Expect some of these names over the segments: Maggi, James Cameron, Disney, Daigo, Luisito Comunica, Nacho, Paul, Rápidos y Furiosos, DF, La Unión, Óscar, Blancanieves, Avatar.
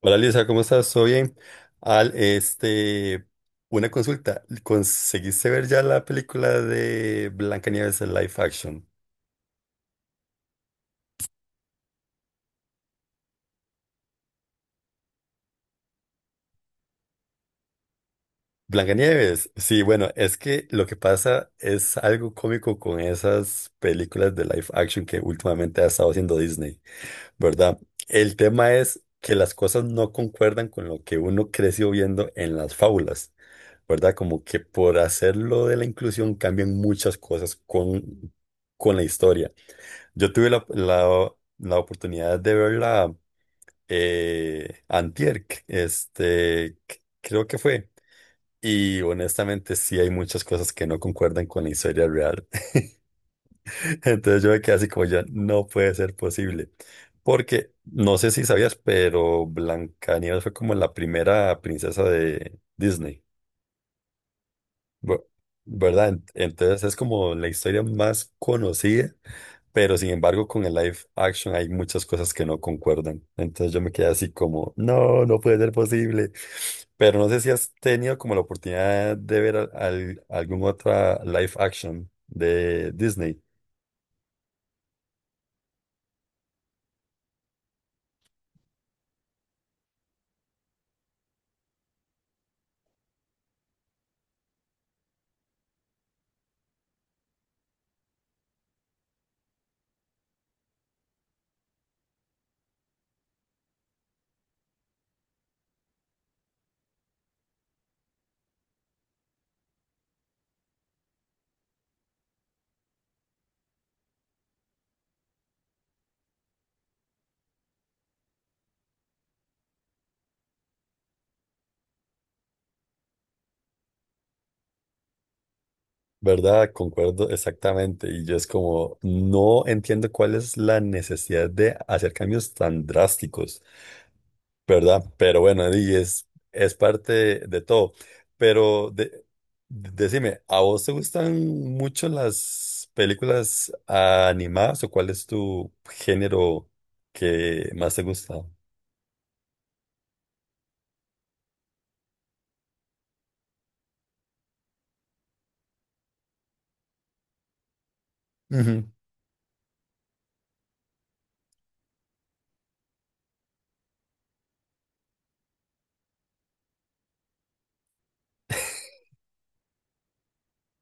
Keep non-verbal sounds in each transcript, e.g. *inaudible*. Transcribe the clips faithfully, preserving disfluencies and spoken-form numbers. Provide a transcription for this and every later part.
Hola, Lisa, ¿cómo estás? ¿Todo bien? Al, este, una consulta. ¿Conseguiste ver ya la película de Blancanieves en live action? Blancanieves, sí, bueno, es que lo que pasa es algo cómico con esas películas de live action que últimamente ha estado haciendo Disney, ¿verdad? El tema es que las cosas no concuerdan con lo que uno creció viendo en las fábulas. ¿Verdad? Como que por hacerlo de la inclusión cambian muchas cosas con, con la historia. Yo tuve la, la- la oportunidad de verla eh, antier, c- este, c- creo que fue. Y honestamente sí hay muchas cosas que no concuerdan con la historia real. *laughs* Entonces yo me quedé así como ya, no puede ser posible. Porque no sé si sabías, pero Blancanieves fue como la primera princesa de Disney, bu- ¿verdad? Ent- Entonces es como la historia más conocida. Pero sin embargo, con el live action hay muchas cosas que no concuerdan. Entonces yo me quedé así como, no, no puede ser posible. Pero no sé si has tenido como la oportunidad de ver al- al- algún otra live action de Disney, ¿verdad? Concuerdo exactamente. Y yo es como, no entiendo cuál es la necesidad de hacer cambios tan drásticos. ¿Verdad? Pero bueno, di, es, es parte de todo. Pero de- Decime, ¿a vos te gustan mucho las películas animadas o cuál es tu género que más te gusta? Ujú.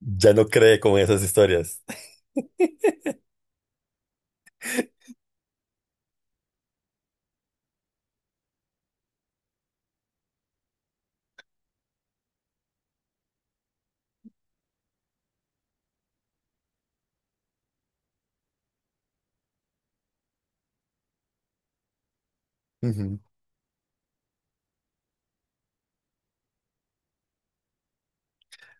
Ya no cree con esas historias. *laughs*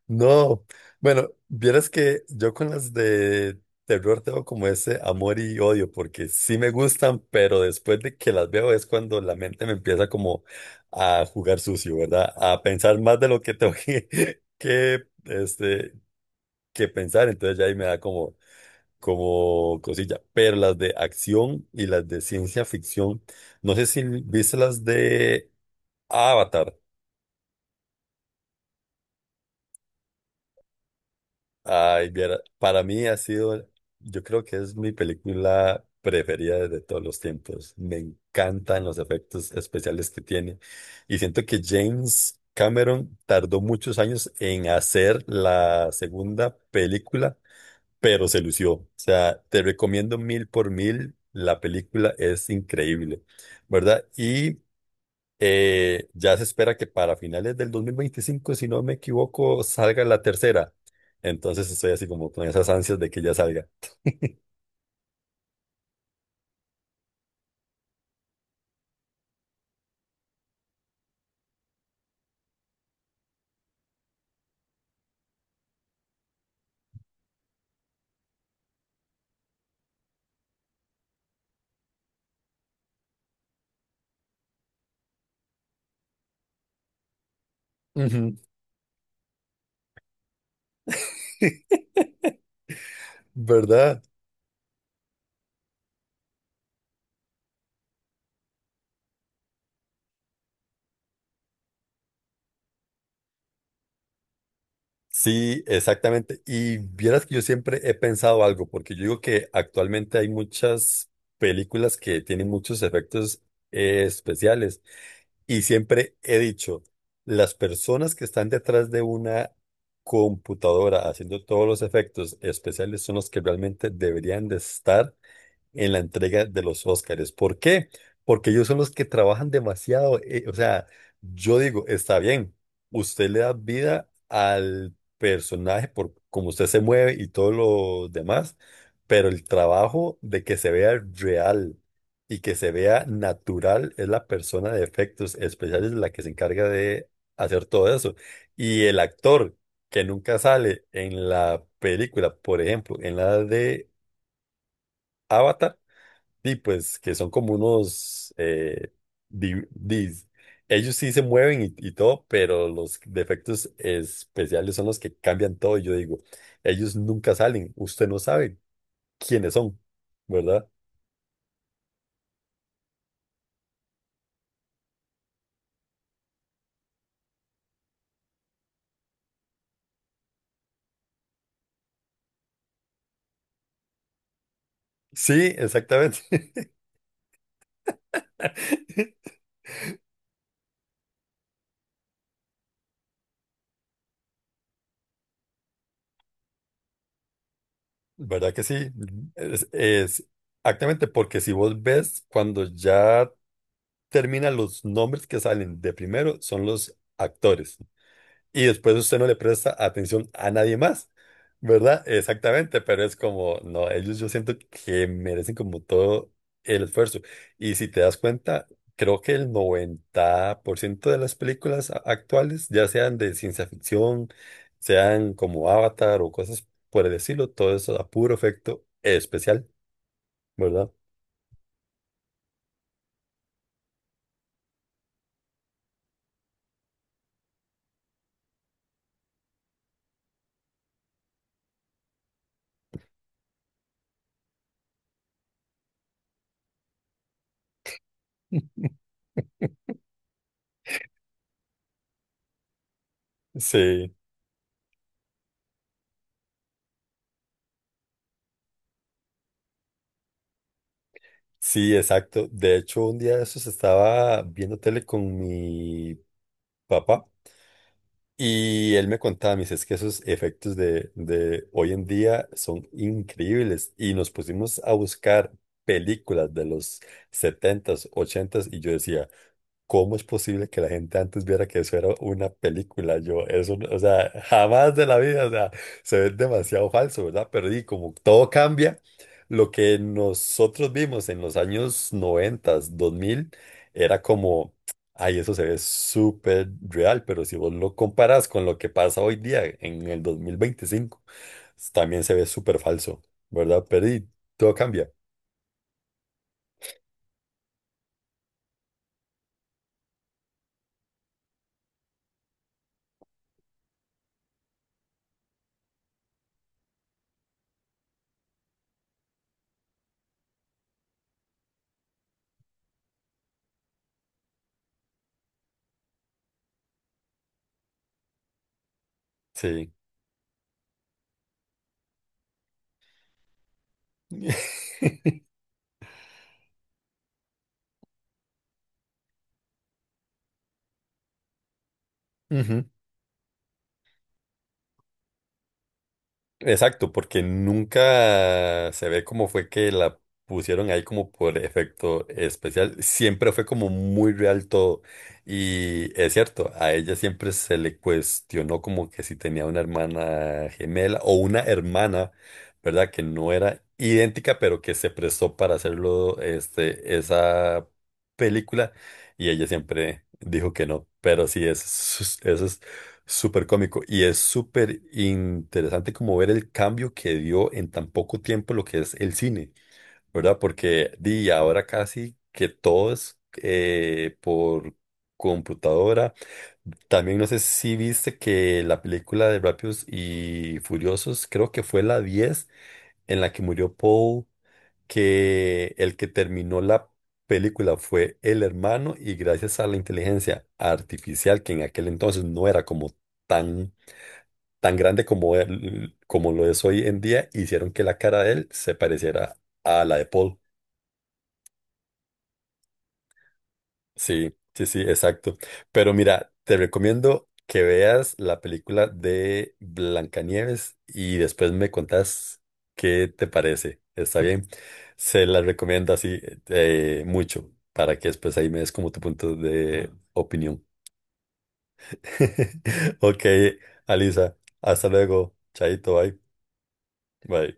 No, bueno, vieras que yo con las de terror tengo como ese amor y odio, porque sí me gustan, pero después de que las veo es cuando la mente me empieza como a jugar sucio, ¿verdad? A pensar más de lo que tengo que, *laughs* que, este, que pensar, entonces ya ahí me da como, como cosilla. Pero las de acción y las de ciencia ficción, no sé si viste las de Avatar. Ay, viera, para mí ha sido, yo creo que es mi película preferida de todos los tiempos. Me encantan los efectos especiales que tiene. Y siento que James Cameron tardó muchos años en hacer la segunda película, pero se lució. O sea, te recomiendo mil por mil. La película es increíble, ¿verdad? Y eh, ya se espera que para finales del dos mil veinticinco, si no me equivoco, salga la tercera. Entonces estoy así como con esas ansias de que ya salga. Ujú. *laughs* ¿Verdad? Sí, exactamente. Y vieras que yo siempre he pensado algo, porque yo digo que actualmente hay muchas películas que tienen muchos efectos eh, especiales. Y siempre he dicho, las personas que están detrás de una computadora haciendo todos los efectos especiales son los que realmente deberían de estar en la entrega de los Óscares. ¿Por qué? Porque ellos son los que trabajan demasiado. Eh, o sea, yo digo, está bien, usted le da vida al personaje por cómo usted se mueve y todo lo demás, pero el trabajo de que se vea real y que se vea natural es la persona de efectos especiales la que se encarga de hacer todo eso. Y el actor que nunca sale en la película, por ejemplo, en la de Avatar, sí, pues que son como unos... eh, di- dis- ellos sí se mueven y, y todo, pero los defectos especiales son los que cambian todo. Y yo digo, ellos nunca salen. Usted no sabe quiénes son, ¿verdad? Sí, exactamente. *laughs* ¿Verdad que sí? Es, es- Exactamente, porque si vos ves cuando ya terminan los nombres que salen de primero son los actores. Y después usted no le presta atención a nadie más, ¿verdad? Exactamente, pero es como, no, ellos yo siento que merecen como todo el esfuerzo. Y si te das cuenta, creo que el noventa por ciento de las películas a- actuales, ya sean de ciencia ficción, sean como Avatar o cosas por el estilo, todo eso a puro efecto especial, ¿verdad? Sí, sí, exacto. De hecho, un día de esos estaba viendo tele con mi papá. Y él me contaba, me dice, es que esos efectos de, de hoy en día son increíbles. Y nos pusimos a buscar películas de los setentas, ochentas y yo decía, ¿cómo es posible que la gente antes viera que eso era una película? Yo, eso, no- o sea, jamás de la vida, o sea, se ve demasiado falso, ¿verdad? Pero y como todo cambia, lo que nosotros vimos en los años noventa, dos mil, era como, ay, eso se ve súper real, pero si vos lo comparas con lo que pasa hoy día, en el dos mil veinticinco, también se ve súper falso, ¿verdad? Pero y todo cambia, sí. *laughs* Ujú. Exacto, porque nunca se ve cómo fue que la pusieron ahí como por efecto especial. Siempre fue como muy real todo. Y es cierto, a ella siempre se le cuestionó como que si tenía una hermana gemela o una hermana, ¿verdad? Que no era idéntica, pero que se prestó para hacerlo, este, esa película. Y ella siempre dijo que no. Pero sí, eso es, eso es súper cómico y es súper interesante como ver el cambio que dio en tan poco tiempo lo que es el cine, ¿verdad? Porque di ahora casi que todo es eh, por computadora. También no sé si viste que la película de Rápidos y Furiosos, creo que fue la diez en la que murió Paul, que el que terminó la película fue el hermano y gracias a la inteligencia artificial, que en aquel entonces no era como tan, tan grande como, él- como lo es hoy en día, hicieron que la cara de él se pareciera a la de Paul. Sí, sí, sí, exacto. Pero mira, te recomiendo que veas la película de Blancanieves y después me contás qué te parece. ¿Está bien? Se la recomiendo así eh, mucho para que después ahí me des como tu punto de opinión. *laughs* Ok, Alisa, hasta luego. Chaito, bye. Bye.